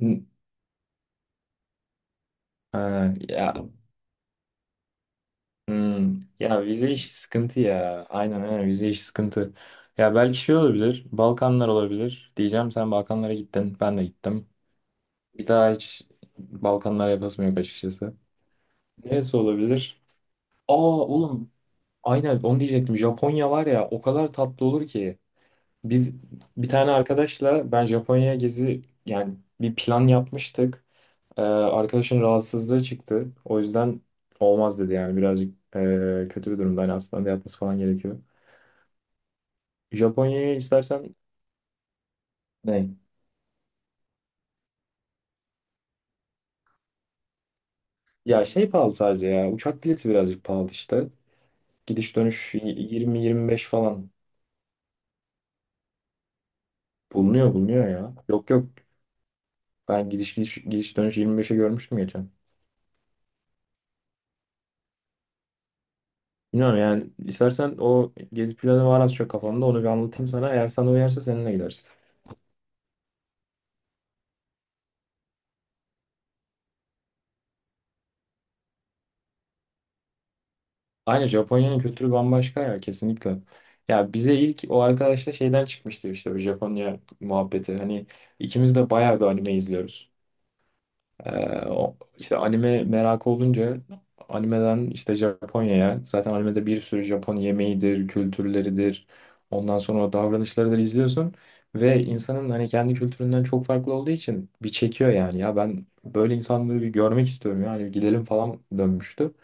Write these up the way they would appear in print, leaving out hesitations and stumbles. Hı. Ha, ya. Hmm, ya vize işi sıkıntı ya. Aynen aynen, vize işi sıkıntı. Ya belki şey olabilir. Balkanlar olabilir. Diyeceğim, sen Balkanlara gittin. Ben de gittim. Bir daha hiç Balkanlar yapasım yok açıkçası. Neresi olabilir? Aa oğlum, aynen onu diyecektim. Japonya var ya, o kadar tatlı olur ki. Biz bir tane arkadaşla ben Japonya gezi yani bir plan yapmıştık. Arkadaşın rahatsızlığı çıktı. O yüzden olmaz dedi yani, birazcık kötü bir durumda. Hani hastanede yatması falan gerekiyor. Japonya'ya istersen ne? Ya şey pahalı sadece ya. Uçak bileti birazcık pahalı işte. Gidiş dönüş 20-25 falan bulunuyor bulunuyor ya. Yok yok, ben gidiş dönüş 25'e görmüştüm geçen. Bilmiyorum yani, istersen o gezi planı var az çok kafamda, onu bir anlatayım sana. Eğer sana uyarsa seninle gidersin. Aynen, Japonya'nın kültürü bambaşka ya, kesinlikle. Ya bize ilk o arkadaşla şeyden çıkmıştı işte, bu Japonya muhabbeti. Hani ikimiz de bayağı bir anime izliyoruz. O, işte anime merakı olunca animeden işte Japonya'ya, zaten animede bir sürü Japon yemeğidir, kültürleridir. Ondan sonra o davranışlarıdır izliyorsun ve insanın hani kendi kültüründen çok farklı olduğu için bir çekiyor yani. Ya ben böyle insanları bir görmek istiyorum yani, gidelim falan dönmüştü.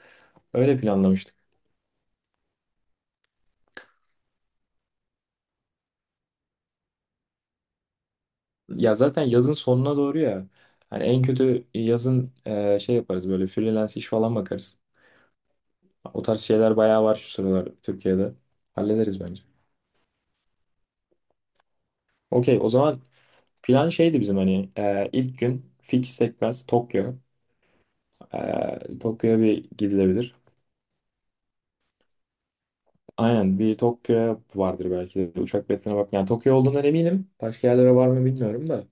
Öyle planlamıştık. Ya zaten yazın sonuna doğru ya. Hani en kötü yazın şey yaparız böyle, freelance iş falan bakarız. O tarz şeyler bayağı var şu sıralar Türkiye'de. Hallederiz bence. Okey, o zaman plan şeydi bizim, hani ilk gün fix sekmez Tokyo. Tokyo'ya bir gidilebilir. Aynen, bir Tokyo vardır belki de, uçak biletine bak. Yani Tokyo olduğundan eminim. Başka yerlere var mı bilmiyorum da.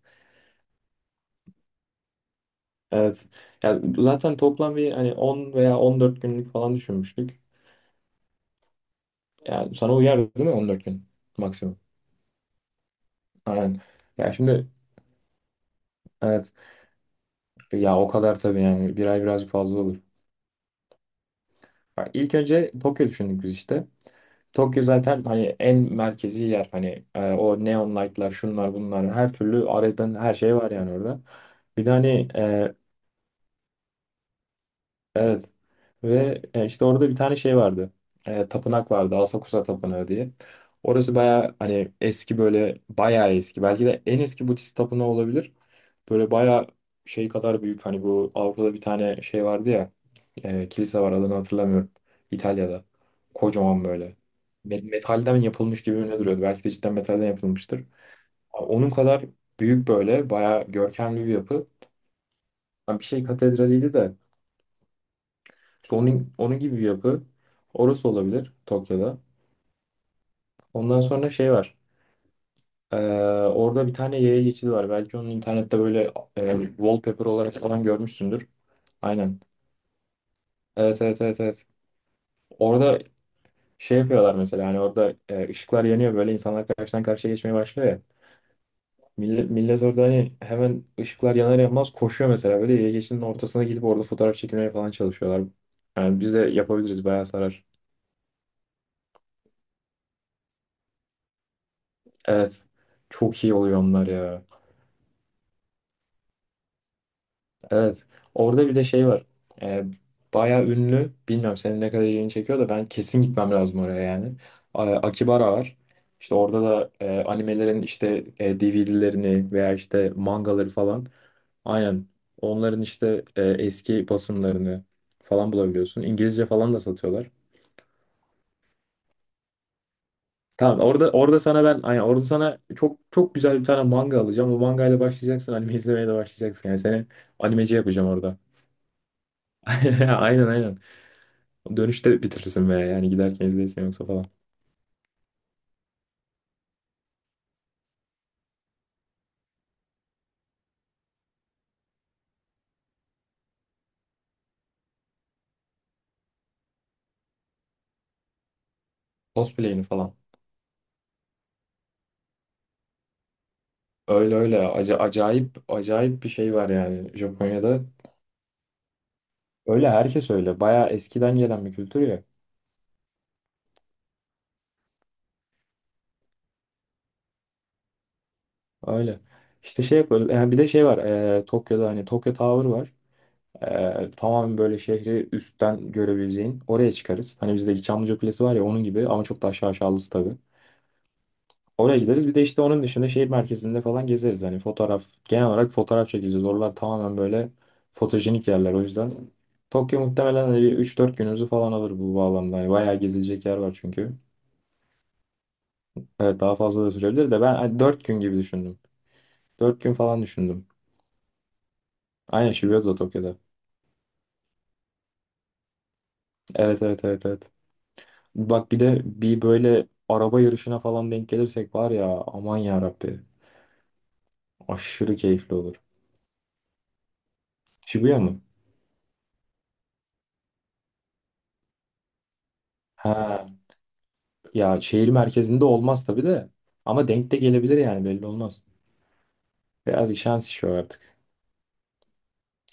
Evet. Yani zaten toplam bir hani 10 veya 14 günlük falan düşünmüştük. Yani sana uyar değil mi, 14 gün maksimum? Aynen. Ya şimdi evet, ya o kadar tabii yani, bir ay birazcık fazla olur. Bak, ilk önce Tokyo düşündük biz işte. Tokyo zaten hani en merkezi yer, hani o neon light'lar, şunlar bunlar, her türlü aradan her şey var yani orada. Bir de hani Evet. Ve işte orada bir tane şey vardı. Tapınak vardı, Asakusa Tapınağı diye. Orası bayağı hani eski, böyle bayağı eski. Belki de en eski Budist tapınağı olabilir. Böyle bayağı şey kadar büyük. Hani bu Avrupa'da bir tane şey vardı ya. Kilise var, adını hatırlamıyorum. İtalya'da. Kocaman böyle. Metalden yapılmış gibi ne duruyordu. Belki de cidden metalden yapılmıştır. Onun kadar büyük, böyle bayağı görkemli bir yapı. Yani bir şey katedraliydi de. İşte onun gibi bir yapı. Orası olabilir Tokyo'da. Ondan sonra şey var. Ee, orada bir tane yaya geçidi var. Belki onu internette böyle wallpaper olarak falan görmüşsündür. Aynen. Evet evet evet evet. Orada şey yapıyorlar mesela, hani orada ışıklar yanıyor böyle, insanlar karşıdan karşıya geçmeye başlıyor ya. Millet orada hani hemen ışıklar yanar yanmaz koşuyor mesela, böyle yaya geçidinin ortasına gidip orada fotoğraf çekilmeye falan çalışıyorlar. Yani biz de yapabiliriz, bayağı sarar. Evet. Çok iyi oluyor onlar ya. Evet. Orada bir de şey var. Ee, bayağı ünlü. Bilmiyorum senin ne kadar ilgini çekiyor da, ben kesin gitmem lazım oraya yani. Akibara var. İşte orada da animelerin işte DVD'lerini veya işte mangaları falan. Aynen. Onların işte eski basımlarını falan bulabiliyorsun. İngilizce falan da satıyorlar. Tamam, orada orada sana ben aynen orada sana çok çok güzel bir tane manga alacağım. O mangayla başlayacaksın, anime izlemeye de başlayacaksın. Yani seni animeci yapacağım orada. Aynen aynen. Dönüşte bitirirsin veya yani giderken izleyesin yoksa falan. Cosplay'ini falan. Öyle öyle. Acayip acayip bir şey var yani Japonya'da. Öyle herkes öyle. Bayağı eskiden gelen bir kültür ya. Öyle. İşte şey yaparız. Yani bir de şey var. Tokyo'da hani Tokyo Tower var. Tamamen böyle şehri üstten görebileceğin, oraya çıkarız. Hani bizdeki Çamlıca Kulesi var ya, onun gibi ama çok da aşağı aşağılısı tabii. Oraya gideriz. Bir de işte onun dışında şehir merkezinde falan gezeriz. Hani fotoğraf, genel olarak fotoğraf çekeceğiz. Oralar tamamen böyle fotojenik yerler. O yüzden Tokyo muhtemelen hani bir üç dört günümüzü falan alır bu bağlamda. Hani bayağı gezilecek yer var çünkü. Evet, daha fazla da sürebilir de, ben hani 4 gün gibi düşündüm. 4 gün falan düşündüm. Aynen, Shibuya da Tokyo'da. Evet evet evet evet. Bak, bir de bir böyle araba yarışına falan denk gelirsek var ya, aman ya Rabbi, aşırı keyifli olur. Shibuya mı? Ha ya, şehir merkezinde olmaz tabii de, ama denk de gelebilir yani, belli olmaz. Birazcık şans işi o artık.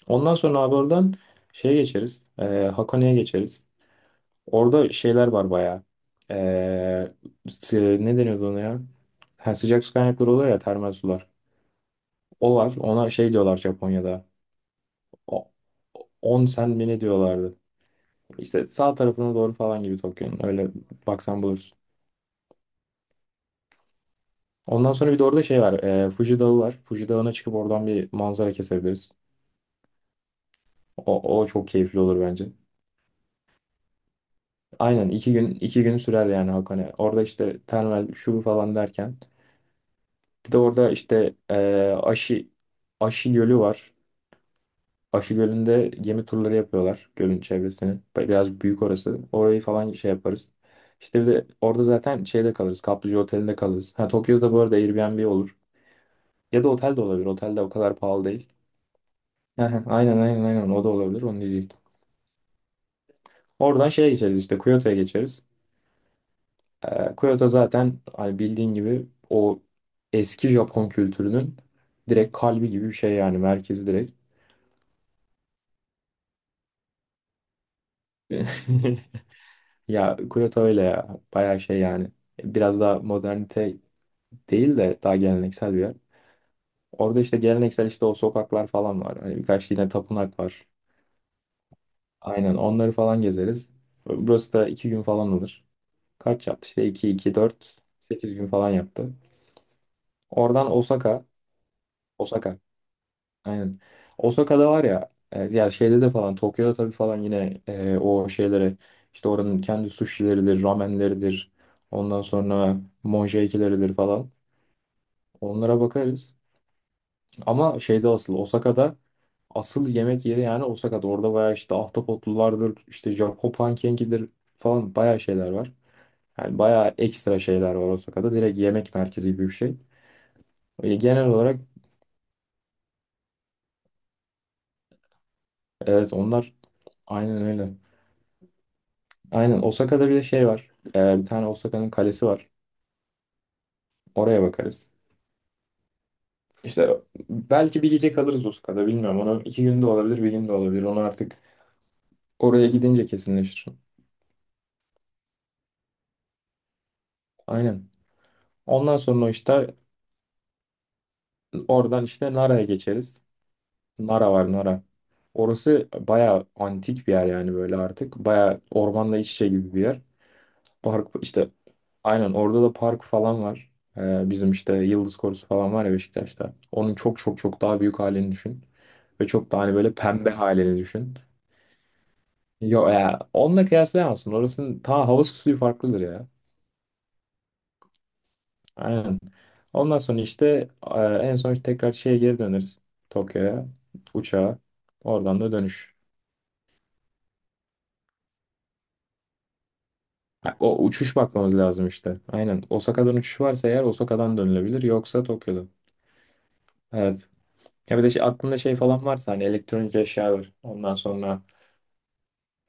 Ondan sonra abi oradan şeye geçeriz. Hakone'ye geçeriz. Orada şeyler var bayağı. E, ne deniyordu ona ya? Ha, sıcak su kaynakları oluyor ya, termal sular. O var. Ona şey diyorlar Japonya'da. O- 10 sen mi ne diyorlardı? İşte sağ tarafına doğru falan gibi Tokyo'nun. Öyle baksan bulursun. Ondan sonra bir de orada şey var. Fuji Dağı var. Fuji Dağı'na çıkıp oradan bir manzara kesebiliriz. O çok keyifli olur bence. Aynen, iki gün iki gün sürer yani Hakone. Orada işte termal şu bu falan derken. Bir de orada işte Aşı Aşı Gölü var. Aşı Gölü'nde gemi turları yapıyorlar, gölün çevresini. Biraz büyük orası. Orayı falan şey yaparız. İşte bir de orada zaten şeyde kalırız, Kaplıca Oteli'nde kalırız. Ha, Tokyo'da bu arada Airbnb olur. Ya da otel de olabilir. Otel de o kadar pahalı değil. Hı hı, aynen aynen aynen, o da olabilir. Onu diyecektim. Oradan şeye geçeriz, işte Kyoto'ya geçeriz. Kyoto zaten hani bildiğin gibi o eski Japon kültürünün direkt kalbi gibi bir şey yani, merkezi direkt. Ya Kyoto öyle ya, bayağı şey yani biraz daha modernite değil de, daha geleneksel bir yer. Orada işte geleneksel, işte o sokaklar falan var. Hani birkaç yine tapınak var. Aynen, onları falan gezeriz. Burası da iki gün falan olur. Kaç yaptı? İşte 2 2 dört, 8 gün falan yaptı. Oradan Osaka. Osaka. Aynen. Osaka'da var ya, ya şeyde de falan Tokyo'da tabii falan, yine o şeylere işte, oranın kendi sushi'leridir, ramenleridir. Ondan sonra monkey'leridir falan. Onlara bakarız. Ama şeyde asıl Osaka'da, asıl yemek yeri yani Osaka'da. Orada bayağı işte ahtapotlulardır, işte Japon pankekidir falan, bayağı şeyler var. Yani bayağı ekstra şeyler var Osaka'da. Direkt yemek merkezi gibi bir şey. Genel olarak evet, onlar aynen öyle. Aynen, Osaka'da bir de şey var. Bir tane Osaka'nın kalesi var. Oraya bakarız. İşte belki bir gece kalırız Osaka'da, bilmiyorum. Onu iki günde olabilir, bir günde olabilir. Onu artık oraya gidince kesinleşir. Aynen. Ondan sonra işte oradan işte Nara'ya geçeriz. Nara var Nara. Orası bayağı antik bir yer yani böyle artık. Bayağı ormanla iç içe gibi bir yer. Park işte, aynen orada da park falan var. Bizim işte Yıldız Korusu falan var ya Beşiktaş'ta. Onun çok çok çok daha büyük halini düşün. Ve çok daha hani böyle pembe halini düşün. Yok ya, onunla kıyaslayamazsın. Orasının ta havası suyu farklıdır ya. Aynen. Ondan sonra işte en son işte, tekrar şeye geri döneriz. Tokyo'ya. Uçağa. Oradan da dönüş. Ha, o uçuş bakmamız lazım işte. Aynen. Osaka'dan uçuş varsa eğer, Osaka'dan dönülebilir. Yoksa Tokyo'da. Evet. Ya bir de şey, aklında şey falan varsa hani elektronik eşyalar. Ondan sonra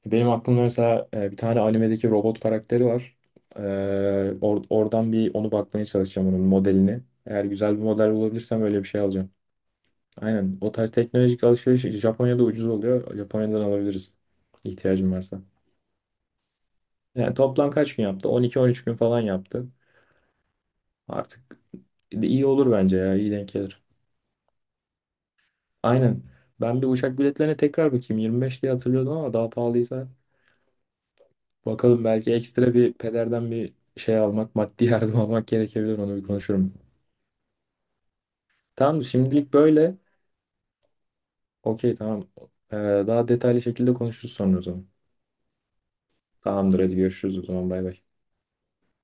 benim aklımda mesela bir tane animedeki robot karakteri var. E, oradan bir onu bakmaya çalışacağım, onun modelini. Eğer güzel bir model bulabilirsem öyle bir şey alacağım. Aynen. O tarz teknolojik alışveriş Japonya'da ucuz oluyor. Japonya'dan alabiliriz, ihtiyacım varsa. Yani toplam kaç gün yaptı? 12-13 gün falan yaptı. Artık de iyi olur bence ya. İyi denk gelir. Aynen. Ben bir uçak biletlerine tekrar bakayım. 25 diye hatırlıyordum ama daha pahalıysa bakalım, belki ekstra bir pederden bir şey almak, maddi yardım almak gerekebilir. Onu bir konuşurum. Tamam, şimdilik böyle. Okey tamam. Ee, daha detaylı şekilde konuşuruz sonra o zaman. Tamamdır, hadi görüşürüz o zaman, bay bay.